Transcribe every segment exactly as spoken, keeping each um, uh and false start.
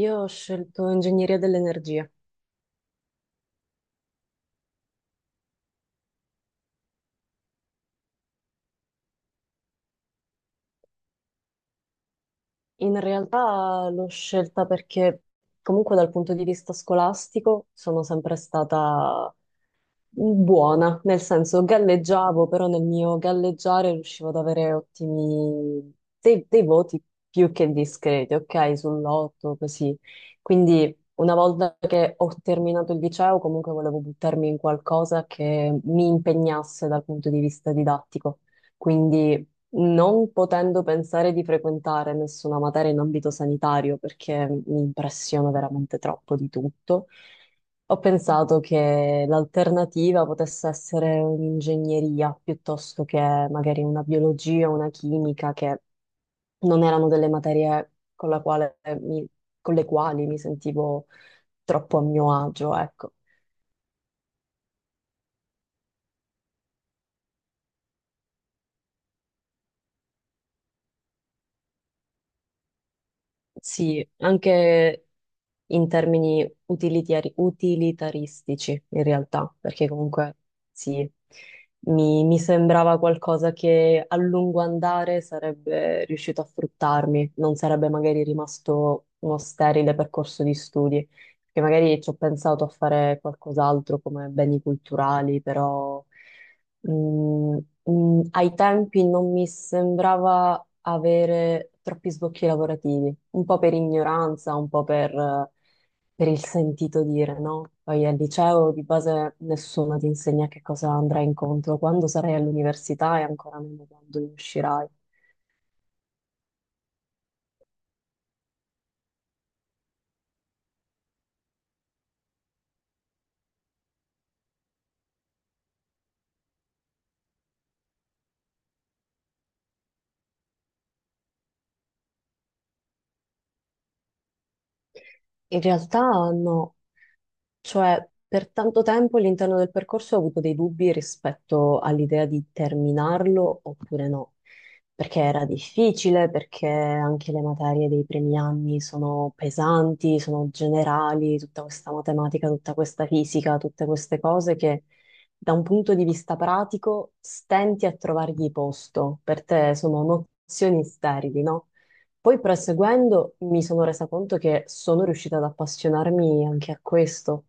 Io ho scelto ingegneria dell'energia. In realtà l'ho scelta perché comunque dal punto di vista scolastico sono sempre stata buona, nel senso galleggiavo, però nel mio galleggiare riuscivo ad avere ottimi dei, dei voti più che discreti, ok? Sull'otto, così. Quindi una volta che ho terminato il liceo, comunque volevo buttarmi in qualcosa che mi impegnasse dal punto di vista didattico. Quindi non potendo pensare di frequentare nessuna materia in ambito sanitario, perché mi impressiona veramente troppo di tutto. Ho pensato che l'alternativa potesse essere un'ingegneria piuttosto che magari una biologia o una chimica, che non erano delle materie con la quale mi- con le quali mi sentivo troppo a mio agio, ecco. Sì, anche in termini utilitari- utilitaristici, in realtà, perché comunque sì, mi, mi sembrava qualcosa che a lungo andare sarebbe riuscito a fruttarmi, non sarebbe magari rimasto uno sterile percorso di studi, perché magari ci ho pensato a fare qualcos'altro come beni culturali, però. Mm, mm, ai tempi non mi sembrava avere troppi sbocchi lavorativi, un po' per ignoranza, un po' per, eh, per il sentito dire, no? Poi al liceo di base nessuno ti insegna che cosa andrai incontro, quando sarai all'università e ancora meno quando ne uscirai. In realtà no, cioè, per tanto tempo all'interno del percorso ho avuto dei dubbi rispetto all'idea di terminarlo oppure no, perché era difficile, perché anche le materie dei primi anni sono pesanti, sono generali, tutta questa matematica, tutta questa fisica, tutte queste cose che da un punto di vista pratico stenti a trovargli posto, per te sono nozioni sterili, no? Poi proseguendo mi sono resa conto che sono riuscita ad appassionarmi anche a questo,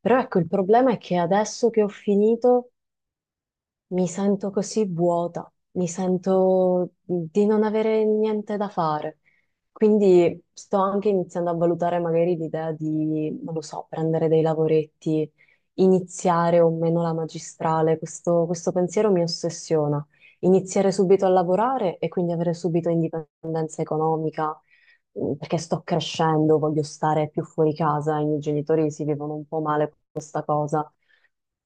però ecco, il problema è che adesso che ho finito, mi sento così vuota, mi sento mhmm, di non avere niente da fare. Quindi sto anche iniziando a valutare magari l'idea di, non lo so, prendere dei lavoretti, iniziare o meno la magistrale. Questo, questo pensiero mi ossessiona. Iniziare subito a lavorare e quindi avere subito indipendenza economica, mm, perché sto crescendo, voglio stare più fuori casa. I miei genitori si vivono un po' male con questa cosa.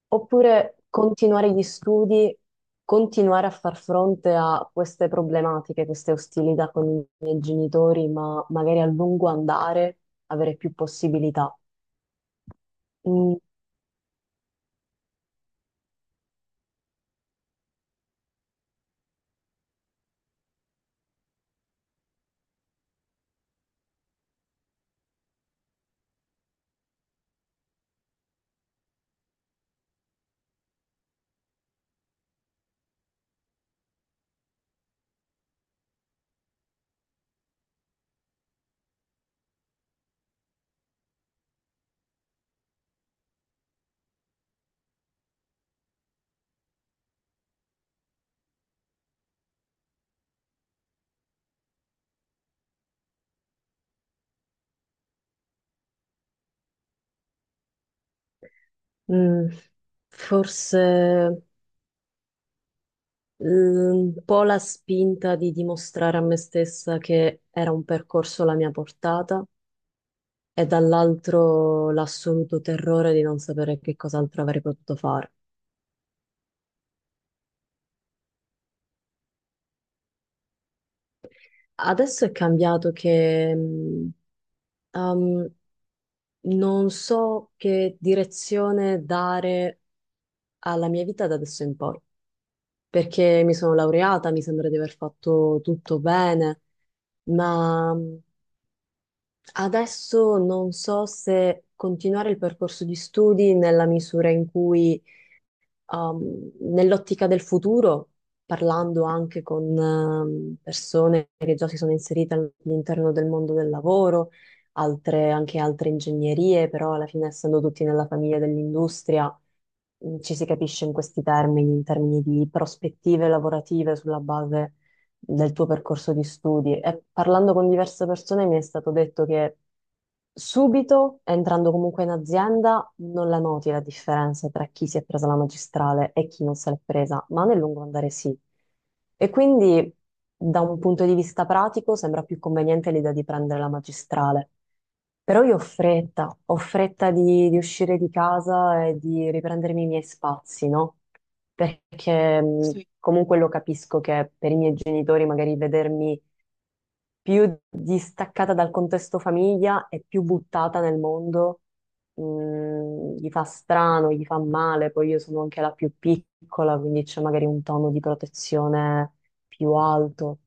Oppure continuare gli studi, continuare a far fronte a queste problematiche, queste ostilità con i miei genitori, ma magari a lungo andare avere più possibilità. Mm, mm, forse mm, un po' la spinta di dimostrare a me stessa che era un percorso alla mia portata e dall'altro l'assoluto terrore di non sapere che cos'altro avrei potuto fare. Adesso è cambiato che... mm, Ehm, non so che direzione dare alla mia vita da adesso in poi, perché mi sono laureata, mi sembra di aver fatto tutto bene, ma mm, adesso non so se continuare il percorso di studi nella misura in cui um, nell'ottica del futuro, parlando anche con um, persone che già si sono inserite all- all'interno del mondo del lavoro, altre- anche altre ingegnerie, però alla fine essendo tutti nella famiglia dell'industria, mh, ci si capisce in questi termini, in termini di prospettive lavorative sulla base del tuo percorso di studi, e parlando con diverse persone mi è stato detto che subito, entrando comunque in azienda, non la noti la differenza tra chi si è presa la magistrale e chi non se l'è presa, ma nel lungo andare sì. E quindi, da un punto di vista pratico, sembra più conveniente l'idea di prendere la magistrale. Però io ho fretta, ho fretta di, di uscire di casa e di riprendermi i miei spazi, no? Perché mh, sì, comunque lo capisco che per i miei genitori magari vedermi più distaccata dal contesto famiglia e più buttata nel mondo mh, gli fa strano, gli fa male, poi io sono anche la più piccola, quindi c'è magari un tono di protezione più alto.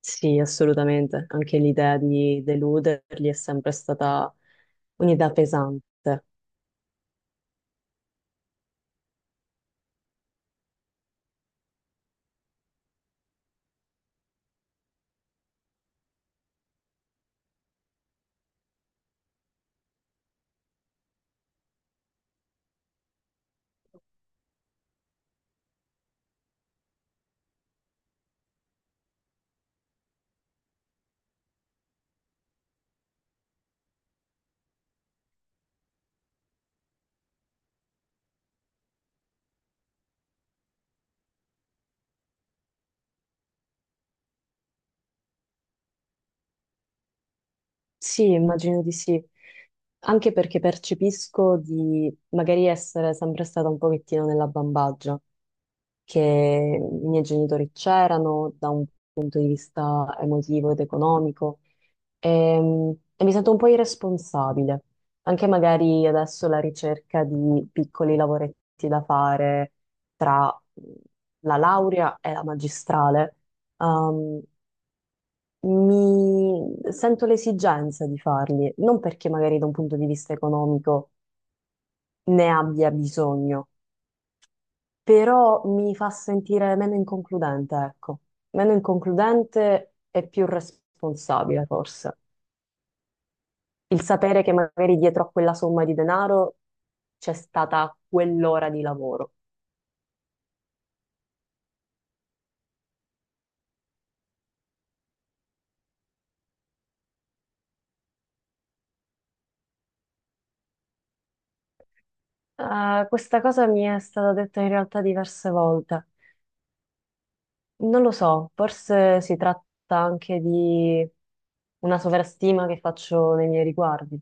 Sì, assolutamente, anche l'idea di deluderli è sempre stata un'idea pesante. Sì, immagino di sì, anche perché percepisco di magari essere sempre stata un pochettino nella bambagia, che i miei genitori c'erano da un punto di vista emotivo ed economico e, e mi sento un po' irresponsabile, anche magari adesso la ricerca di piccoli lavoretti da fare tra la laurea e la magistrale. ehm, mi sento l'esigenza di farli, non perché magari da un punto di vista economico ne abbia bisogno, però mi fa sentire meno inconcludente, ecco, meno inconcludente e più responsabile forse. Il sapere che magari dietro a quella somma di denaro c'è stata quell'ora di lavoro. Eh, questa cosa mi è stata detta in realtà diverse volte. Non lo so, forse si tratta anche di una sovrastima che faccio nei miei riguardi.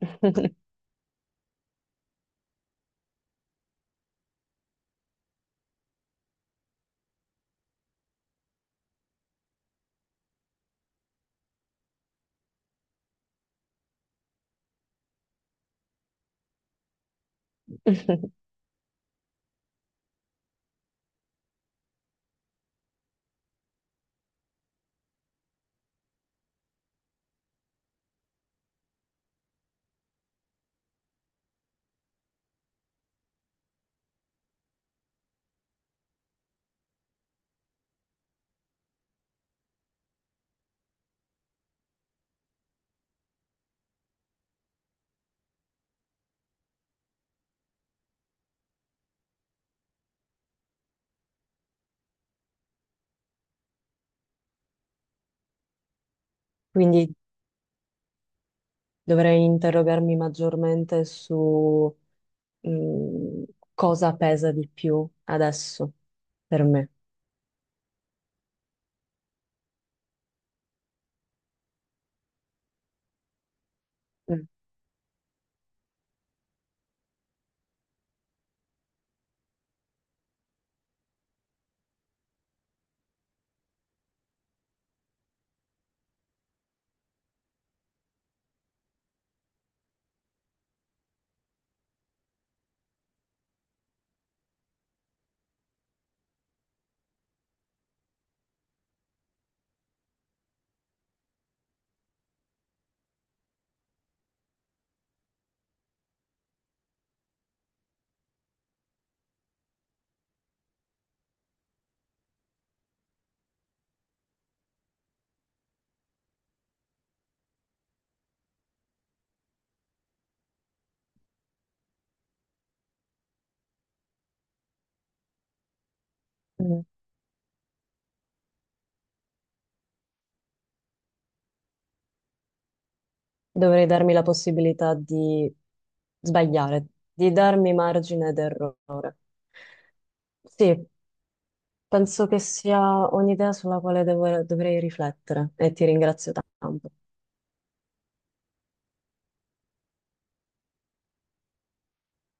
Quindi dovrei interrogarmi maggiormente su mm, cosa pesa di più adesso per me. Mm. Mm. Dovrei darmi la possibilità di sbagliare, di darmi margine d'errore. Sì, penso che sia un'idea sulla quale devo- dovrei riflettere, e ti ringrazio tanto.